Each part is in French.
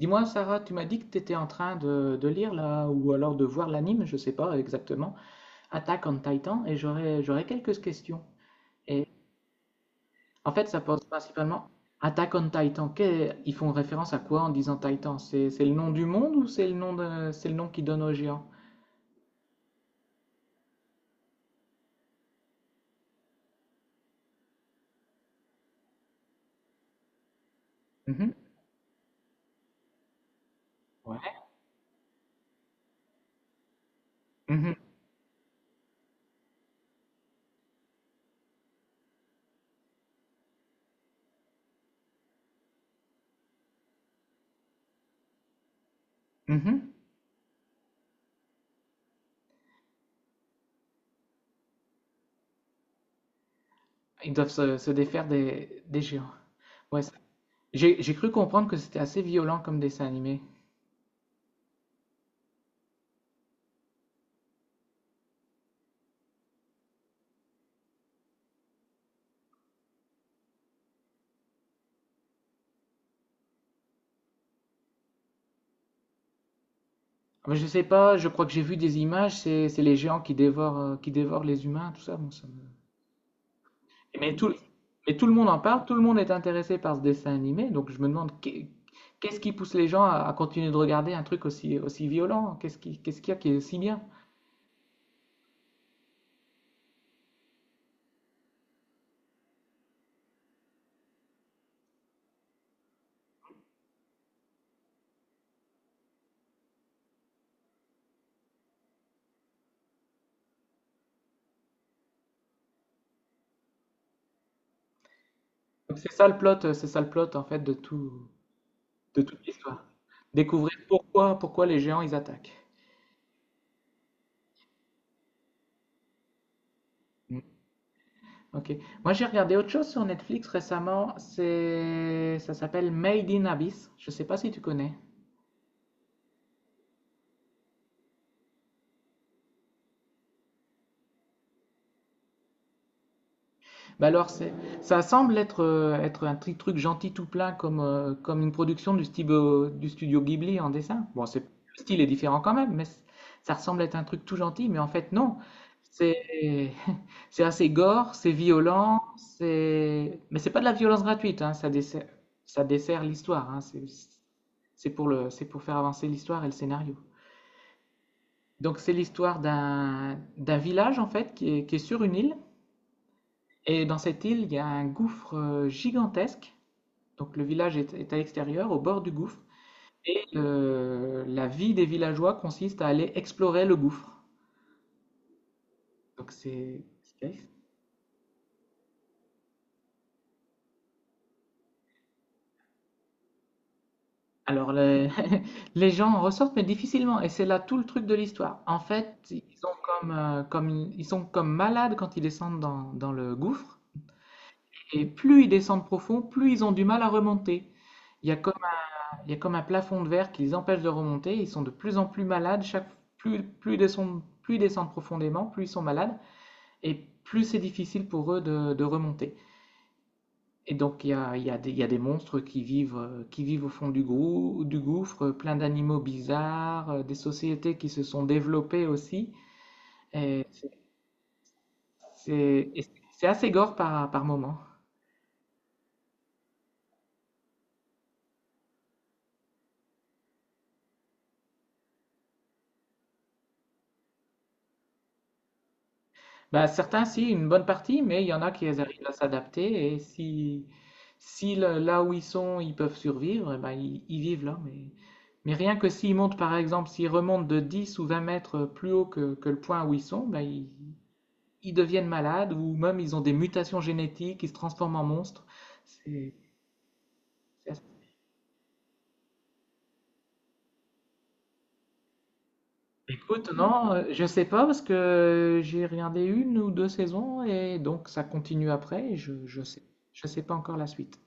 Dis-moi, Sarah, tu m'as dit que tu étais en train de lire là, ou alors de voir l'anime, je sais pas exactement, Attack on Titan, et j'aurais quelques questions. Et en fait, ça pose principalement Attack on Titan. Ils font référence à quoi en disant Titan? C'est le nom du monde ou c'est le nom c'est le nom qu'ils donnent aux géants? Mhm. Ouais. Mhm. Mhm. Ils doivent se défaire des géants. Ouais, ça. J'ai cru comprendre que c'était assez violent comme dessin animé. Mais je sais pas, je crois que j'ai vu des images, c'est les géants qui dévorent les humains, tout ça. Bon, ça me. Mais tout, mais tout le monde en parle, tout le monde est intéressé par ce dessin animé, donc je me demande qu'est-ce qui pousse les gens à continuer de regarder un truc aussi, aussi violent? Qu'est-ce qui, qu'est-ce qu'il y a qui est si bien? Donc c'est ça le plot, c'est ça le plot en fait de tout, de toute l'histoire. Découvrir pourquoi, pourquoi les géants ils attaquent. Mm. Ok. Moi j'ai regardé autre chose sur Netflix récemment, c'est, ça s'appelle Made in Abyss. Je sais pas si tu connais. Bah alors, c'est, ça semble être, être un petit truc gentil tout plein comme, comme une production du studio Ghibli en dessin. Bon, c'est, le style est différent quand même, mais c. Ça ressemble être un truc tout gentil, mais en fait, non. C'est, c'est assez gore, c'est violent, c'est, mais c'est pas de la violence gratuite, hein, ça dessert l'histoire, hein, c'est pour le, c'est pour faire avancer l'histoire et le scénario. Donc, c'est l'histoire d'un, d'un village, en fait, qui est sur une île et dans cette île, il y a un gouffre gigantesque. Donc le village est, est à l'extérieur, au bord du gouffre. Et la vie des villageois consiste à aller explorer le gouffre. Donc c'est, c'est. Alors les, les gens en ressortent, mais difficilement. Et c'est là tout le truc de l'histoire. En fait, ils sont comme, comme, ils sont comme malades quand ils descendent dans, dans le gouffre. Et plus ils descendent profond, plus ils ont du mal à remonter. Il y a comme. Il y a comme un plafond de verre qui les empêche de remonter. Ils sont de plus en plus malades. Chaque, plus, plus ils descendent profondément, plus ils sont malades. Et plus c'est difficile pour eux de remonter. Et donc il y a des, il y a des monstres qui vivent au fond du gouffre, plein d'animaux bizarres, des sociétés qui se sont développées aussi. Et c'est, c'est. Et c'est assez gore par, par moment. Ben certains, si, une bonne partie, mais il y en a qui arrivent à s'adapter et si, si le. Là où ils sont, ils peuvent survivre, eh ben, ils vivent là. Mais rien que s'ils montent, par exemple, s'ils remontent de 10 ou 20 mètres plus haut que le point où ils sont, ben ils deviennent malades ou même ils ont des mutations génétiques, ils se transforment en monstres. C'est, c'est assez. Écoute, non, je sais pas parce que j'ai regardé une ou deux saisons et donc ça continue après et je sais pas encore la suite.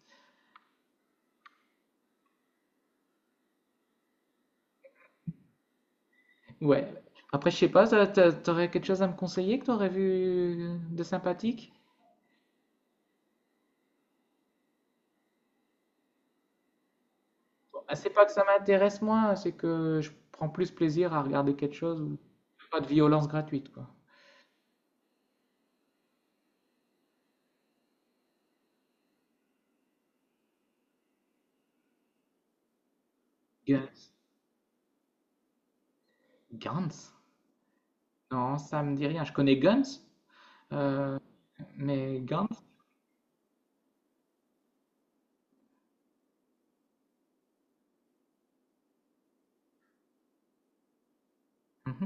Ouais. Après, je sais pas, t'aurais quelque chose à me conseiller que t'aurais vu de sympathique? Ah, c'est pas que ça m'intéresse moins, c'est que je prends plus plaisir à regarder quelque chose où il y a pas de violence gratuite, quoi. Guns. Guns? Non, ça me dit rien. Je connais Guns, euh, mais Guns? Mhm.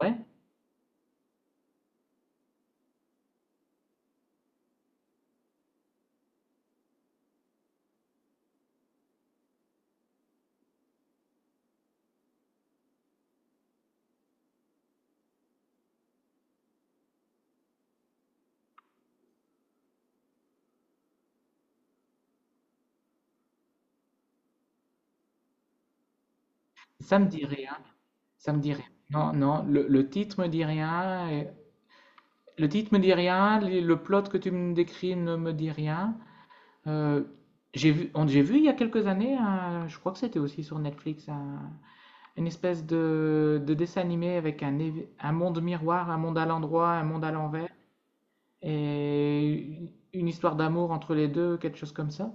Ouais, ça me dit rien. Ça me dit rien. Non, non, le titre me dit rien. Et. Le titre me dit rien, le plot que tu me décris ne me dit rien. Euh, j'ai vu, on. J'ai vu il y a quelques années, un. Je crois que c'était aussi sur Netflix, un. Une espèce de dessin animé avec un, un monde miroir, un monde à l'endroit, un monde à l'envers, et une histoire d'amour entre les deux, quelque chose comme ça.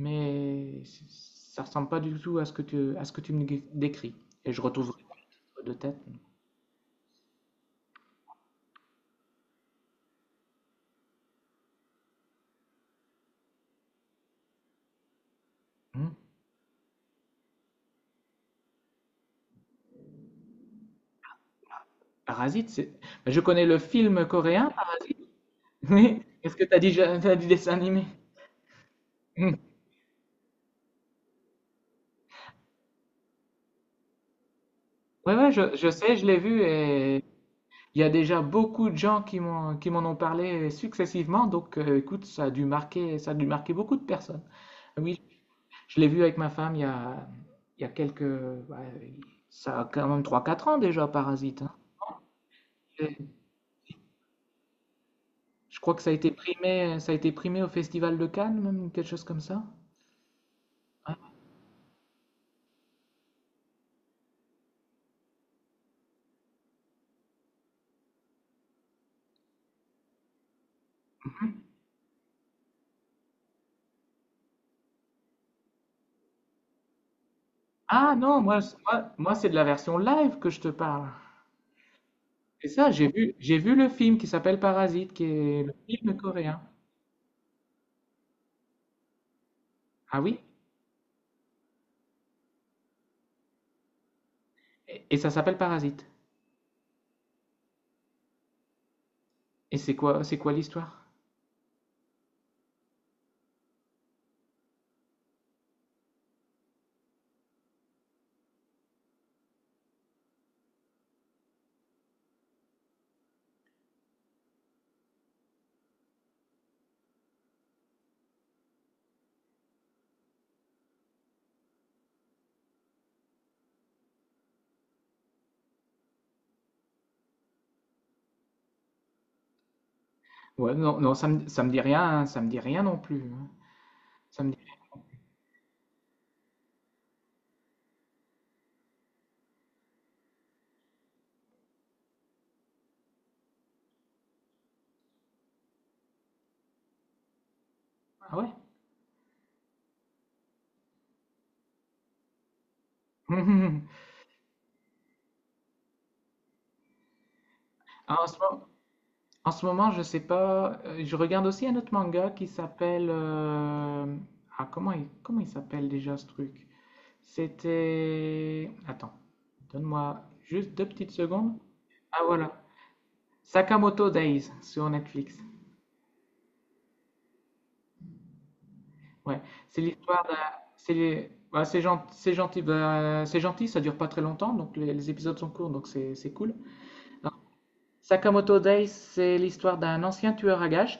Mais c. Ça ressemble pas du tout à ce que tu, à ce que décris. Et je retrouverai pas de tête. Hmm. Parasite, c'est. Mais je connais le film coréen, Parasite. Mais est-ce que tu as dit, t'as dit dessin animé? Hmm. Ouais, ouais, je sais, je l'ai vu et. Il y a déjà beaucoup de gens qui m'ont qui m'en ont parlé successivement, donc écoute, ça a dû marquer, ça a dû marquer beaucoup de personnes. Oui, je l'ai vu avec ma femme il y a quelques, ouais, ça a quand même trois quatre ans déjà, Parasite, hein. Et. Je crois que ça a été primé, ça a été primé au Festival de Cannes, même quelque chose comme ça. Hein. Ah non, moi, c'est. Moi, moi, c'est de la version live que je te parle. C'est ça, j'ai vu le film qui s'appelle Parasite, qui est le film coréen. Ah oui? Et ça s'appelle Parasite. Et c'est quoi l'histoire? Ouais, non, non, ça me dit rien, hein, ça me dit rien non plus, hein. Ça me dit rien. Ah ouais? Ah, en ce moment, en ce moment, je sais pas. Je regarde aussi un autre manga qui s'appelle. Ah, comment il s'appelle déjà ce truc? C'était. Attends, donne-moi juste deux petites secondes. Ah voilà, Sakamoto Days sur Netflix. Ouais, c'est l'histoire d'un. C'est les. Ouais, c'est gentil, bah, c'est gentil, ça dure pas très longtemps, donc les épisodes sont courts, donc c'est cool. Sakamoto Days, c'est l'histoire d'un ancien tueur à gages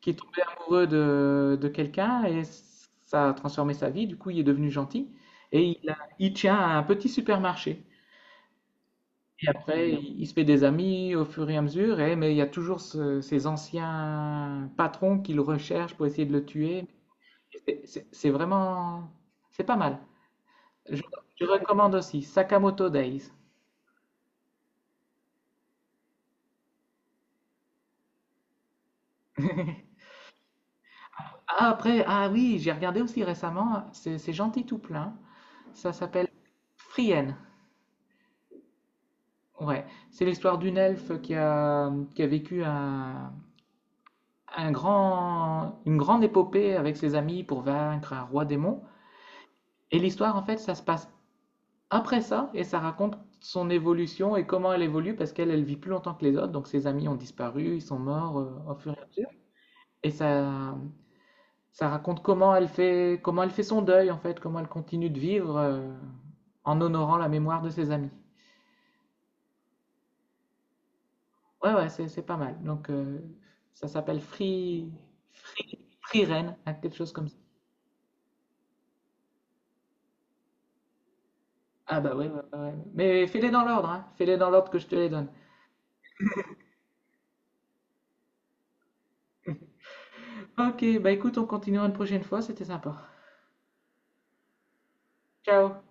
qui est tombé amoureux de quelqu'un et ça a transformé sa vie. Du coup, il est devenu gentil et il tient à un petit supermarché. Et après, il se fait des amis au fur et à mesure, et, mais il y a toujours ces anciens patrons qui le recherchent pour essayer de le tuer. Et c'est c'est vraiment. C'est pas mal. Je, je recommande aussi Sakamoto Days. Ah, après, ah oui, j'ai regardé aussi récemment, c'est gentil tout plein. Ça s'appelle Frienne. Ouais, c'est l'histoire d'une elfe qui a vécu un grand, une grande épopée avec ses amis pour vaincre un roi démon. Et l'histoire, en fait, ça se passe après ça et ça raconte son évolution et comment elle évolue parce qu'elle, elle vit plus longtemps que les autres. Donc ses amis ont disparu, ils sont morts au fur et à mesure. Et ça raconte comment elle fait son deuil, en fait, comment elle continue de vivre en honorant la mémoire de ses amis. Ouais, ouais, c'est pas mal. Donc, ça s'appelle Free, Free, Free Ren, hein, quelque chose comme ça. Ah bah oui, ouais, ouais, ouais. Mais fais-les dans l'ordre, hein. Fais-les dans l'ordre que je te les donne. Ok, bah écoute, on continuera une prochaine fois, c'était sympa. Ciao!